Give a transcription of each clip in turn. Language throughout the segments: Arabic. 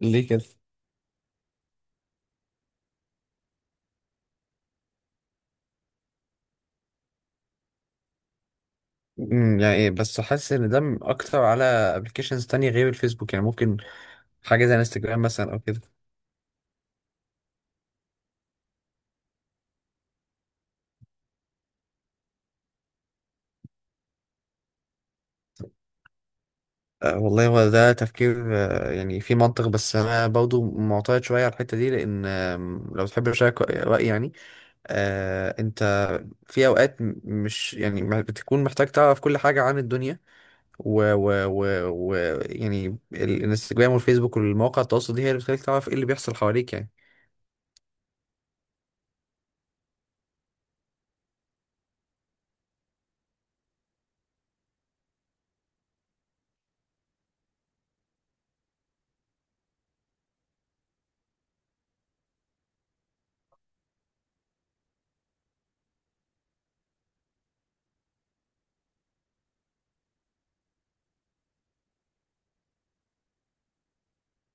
ليه كده؟ يعني إيه، بس حاسس ان ده اكتر على ابلكيشنز تانية غير الفيسبوك، يعني ممكن حاجة زي انستجرام مثلا او كده. والله هو ده تفكير، يعني في منطق، بس انا برضو معترض شوية على الحتة دي لان لو تحب اشارك رأيي يعني، انت. في اوقات مش يعني ما بتكون محتاج تعرف كل حاجة عن الدنيا، و, و, و, و يعني الانستجرام والفيسبوك والمواقع التواصل دي هي اللي بتخليك تعرف ايه اللي بيحصل حواليك يعني.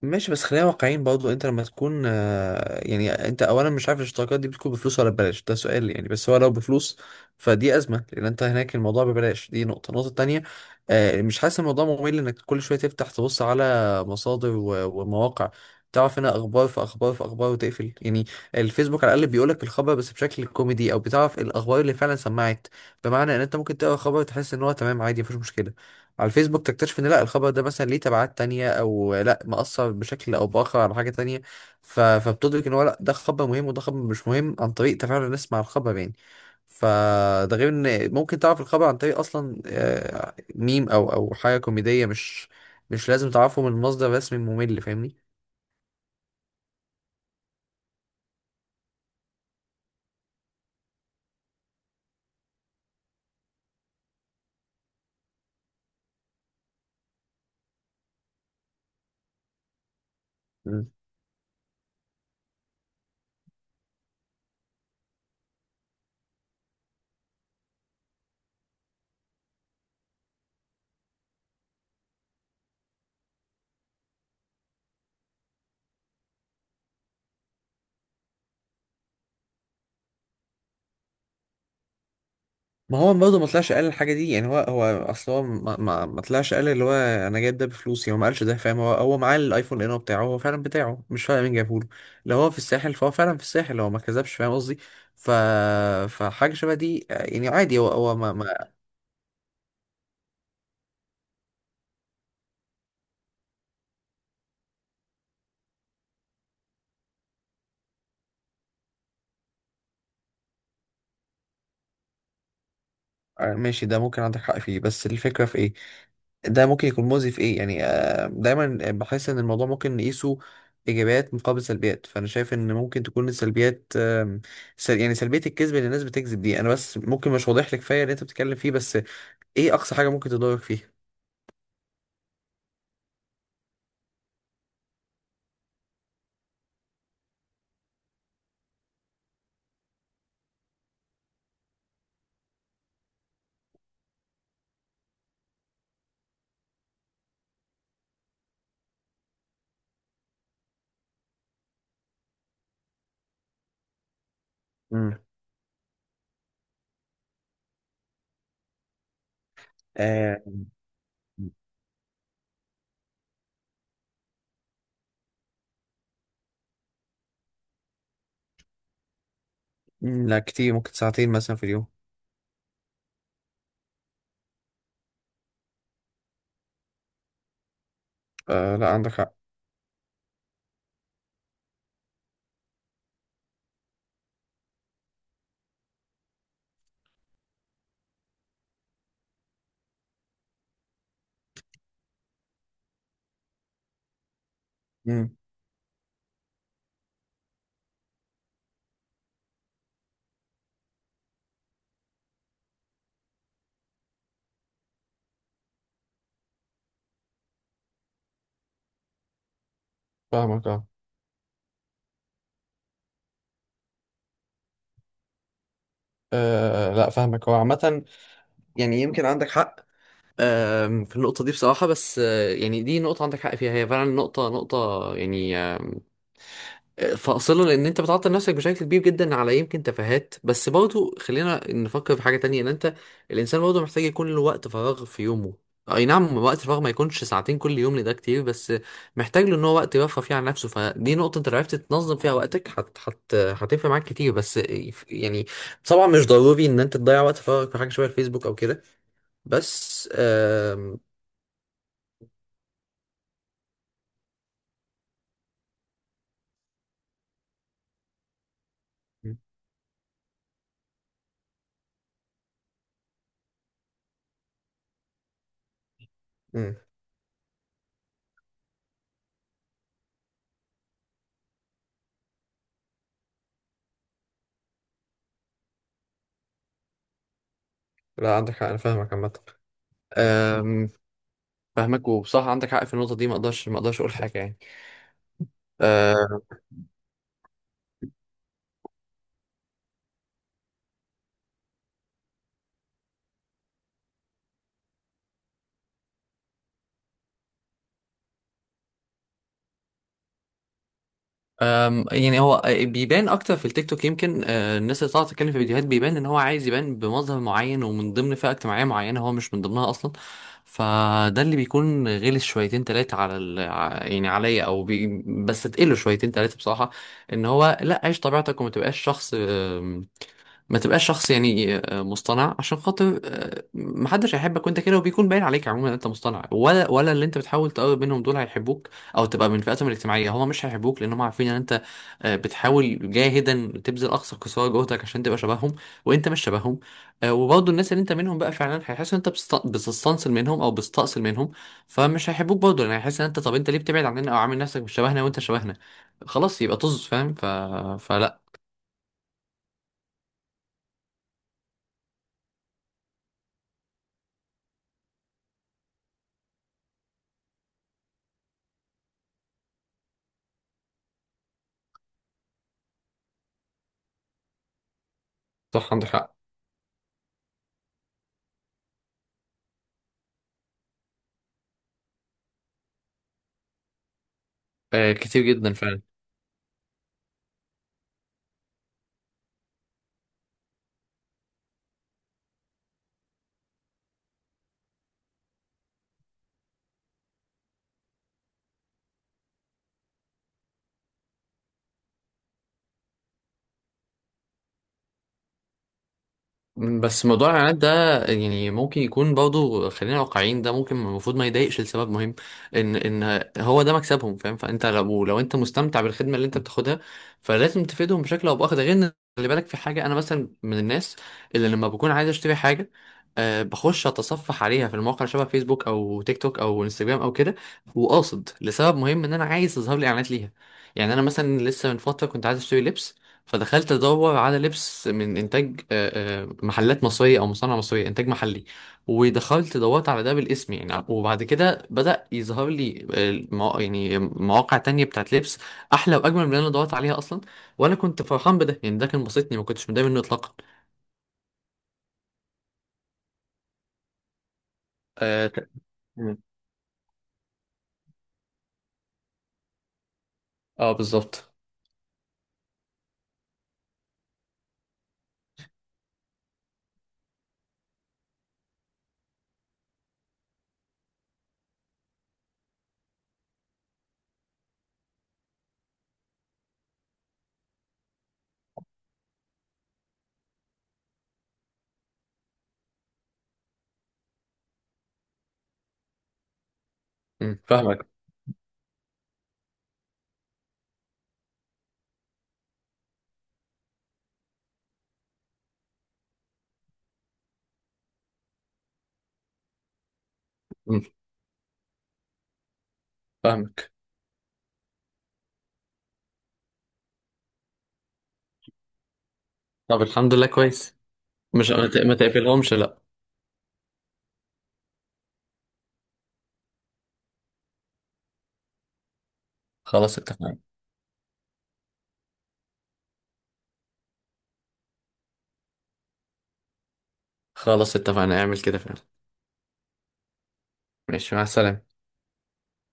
ماشي، بس خلينا واقعيين برضه. انت لما تكون يعني انت اولا مش عارف الاشتراكات دي بتكون بفلوس ولا ببلاش، ده سؤال يعني، بس هو لو بفلوس فدي ازمه، لان انت هناك الموضوع ببلاش. دي نقطه. النقطه التانيه، مش حاسس الموضوع ممل انك كل شويه تفتح تبص على مصادر ومواقع، تعرف هنا اخبار في اخبار في اخبار وتقفل يعني. الفيسبوك على الاقل بيقولك الخبر، بس بشكل كوميدي، او بتعرف الاخبار اللي فعلا سمعت. بمعنى ان انت ممكن تقرا خبر تحس ان هو تمام عادي، مفيش مشكله، على الفيسبوك تكتشف ان لا، الخبر ده مثلا ليه تبعات تانية، او لا مأثر بشكل او بآخر على حاجة تانية. فبتدرك ان هو لا، ده خبر مهم وده خبر مش مهم، عن طريق تفاعل الناس مع الخبر يعني. فده غير ان ممكن تعرف الخبر عن طريق اصلا ميم او حاجة كوميدية، مش لازم تعرفه من مصدر رسمي ممل، فاهمني؟ ما هو برضه ما طلعش قال الحاجه دي يعني. هو اصل هو ما طلعش قال، اللي هو انا جايب ده بفلوسي، هو ما قالش ده فاهم. هو معاه الايفون انه بتاعه، هو فعلا بتاعه، مش فاهم مين جابه له. لو هو في الساحل فهو فعلا في الساحل، هو ما كذبش، فاهم قصدي؟ ف فحاجه شبه دي يعني عادي. هو ما. ماشي، ده ممكن عندك حق فيه، بس الفكرة في ايه؟ ده ممكن يكون مؤذي في ايه يعني؟ دايما بحس ان الموضوع ممكن نقيسه ايجابيات مقابل سلبيات. فانا شايف ان ممكن تكون السلبيات يعني سلبيه الكذب اللي الناس بتكذب دي، انا بس ممكن مش واضح لك كفايه اللي انت بتتكلم فيه، بس ايه اقصى حاجه ممكن تضرك فيها؟ امم آه مم، لا، كتير، ممكن ساعتين مثلا في اليوم. آه، لا، عندك حق. مم. فاهمك، اه. لا، فاهمك. هو عامة يعني يمكن عندك حق في النقطة دي بصراحة، بس يعني دي نقطة عندك حق فيها، هي فعلا نقطة يعني فاصلة، لأن أنت بتعطل نفسك بشكل كبير جدا على يمكن تفاهات. بس برضو خلينا نفكر في حاجة تانية، إن أنت الإنسان برضو محتاج يكون له وقت فراغ في يومه. أي نعم، وقت الفراغ ما يكونش ساعتين كل يوم، لده كتير، بس محتاج له إن هو وقت يرفه فيه عن نفسه. فدي نقطة أنت لو عرفت تنظم فيها وقتك هت هت هتفرق معاك كتير، بس يعني طبعا مش ضروري إن أنت تضيع وقت فراغك في حاجة شبه الفيسبوك أو كده، بس مم. لا، عندك حق، انا فاهمك عامه. أم، فاهمك، وبصراحه عندك حق في النقطه دي. ما اقدرش اقول حاجه يعني. أه، أم، يعني هو بيبان اكتر في التيك توك. يمكن الناس اللي طالعه تتكلم في فيديوهات بيبان ان هو عايز يبان بمظهر معين ومن ضمن فئه اجتماعيه معينه هو مش من ضمنها اصلا. فده اللي بيكون غلس شويتين تلاتة على يعني عليا او بس تقله شويتين تلاتة بصراحه، ان هو لا، عيش طبيعتك وما تبقاش شخص. ما تبقاش شخص يعني مصطنع عشان خاطر، محدش هيحبك وانت كده، وبيكون باين عليك عموما ان انت مصطنع، ولا اللي انت بتحاول تقرب منهم دول هيحبوك، او تبقى من فئاتهم الاجتماعيه. هما مش هيحبوك لان هما عارفين ان انت بتحاول جاهدا تبذل اقصى قصارى جهدك عشان تبقى شبههم، وانت مش شبههم. وبرضه الناس اللي انت منهم بقى فعلا هيحسوا ان انت بتستنصل منهم او بتستأصل منهم، فمش هيحبوك برضه، لان هيحس ان انت، طب انت ليه بتبعد عننا او عامل نفسك مش شبهنا وانت شبهنا؟ خلاص، يبقى طز، فاهم؟ فلا. صح، عندك حق. كتير جدا فعلا. بس موضوع الاعلانات ده يعني ممكن يكون برضه، خلينا واقعيين، ده ممكن المفروض ما يضايقش لسبب مهم، ان هو ده مكسبهم فاهم. فانت لو انت مستمتع بالخدمه اللي انت بتاخدها فلازم تفيدهم بشكل او باخر، ده غير ان خلي بالك في حاجه، انا مثلا من الناس اللي لما بكون عايز اشتري حاجه بخش اتصفح عليها في المواقع شبه فيسبوك او تيك توك او انستجرام او كده، وقاصد لسبب مهم ان انا عايز يظهر لي اعلانات ليها. يعني انا مثلا لسه من فتره كنت عايز اشتري لبس، فدخلت ادور على لبس من انتاج محلات مصريه او مصانع مصريه، انتاج محلي. ودخلت دورت على ده بالاسم يعني، وبعد كده بدا يظهر لي يعني مواقع تانية بتاعت لبس احلى واجمل من اللي انا دورت عليها اصلا. وانا كنت فرحان بده يعني، ده كان بسطني، ما كنتش متضايق منه اطلاقا. اه، مم. بالظبط. فاهمك. مم، فاهمك. طب، الحمد لله، كويس. مش ما تقفلهمش، لا. خلاص، اتفقنا. خلاص، اتفقنا، اعمل كده فعلا. ماشي، مع السلامه.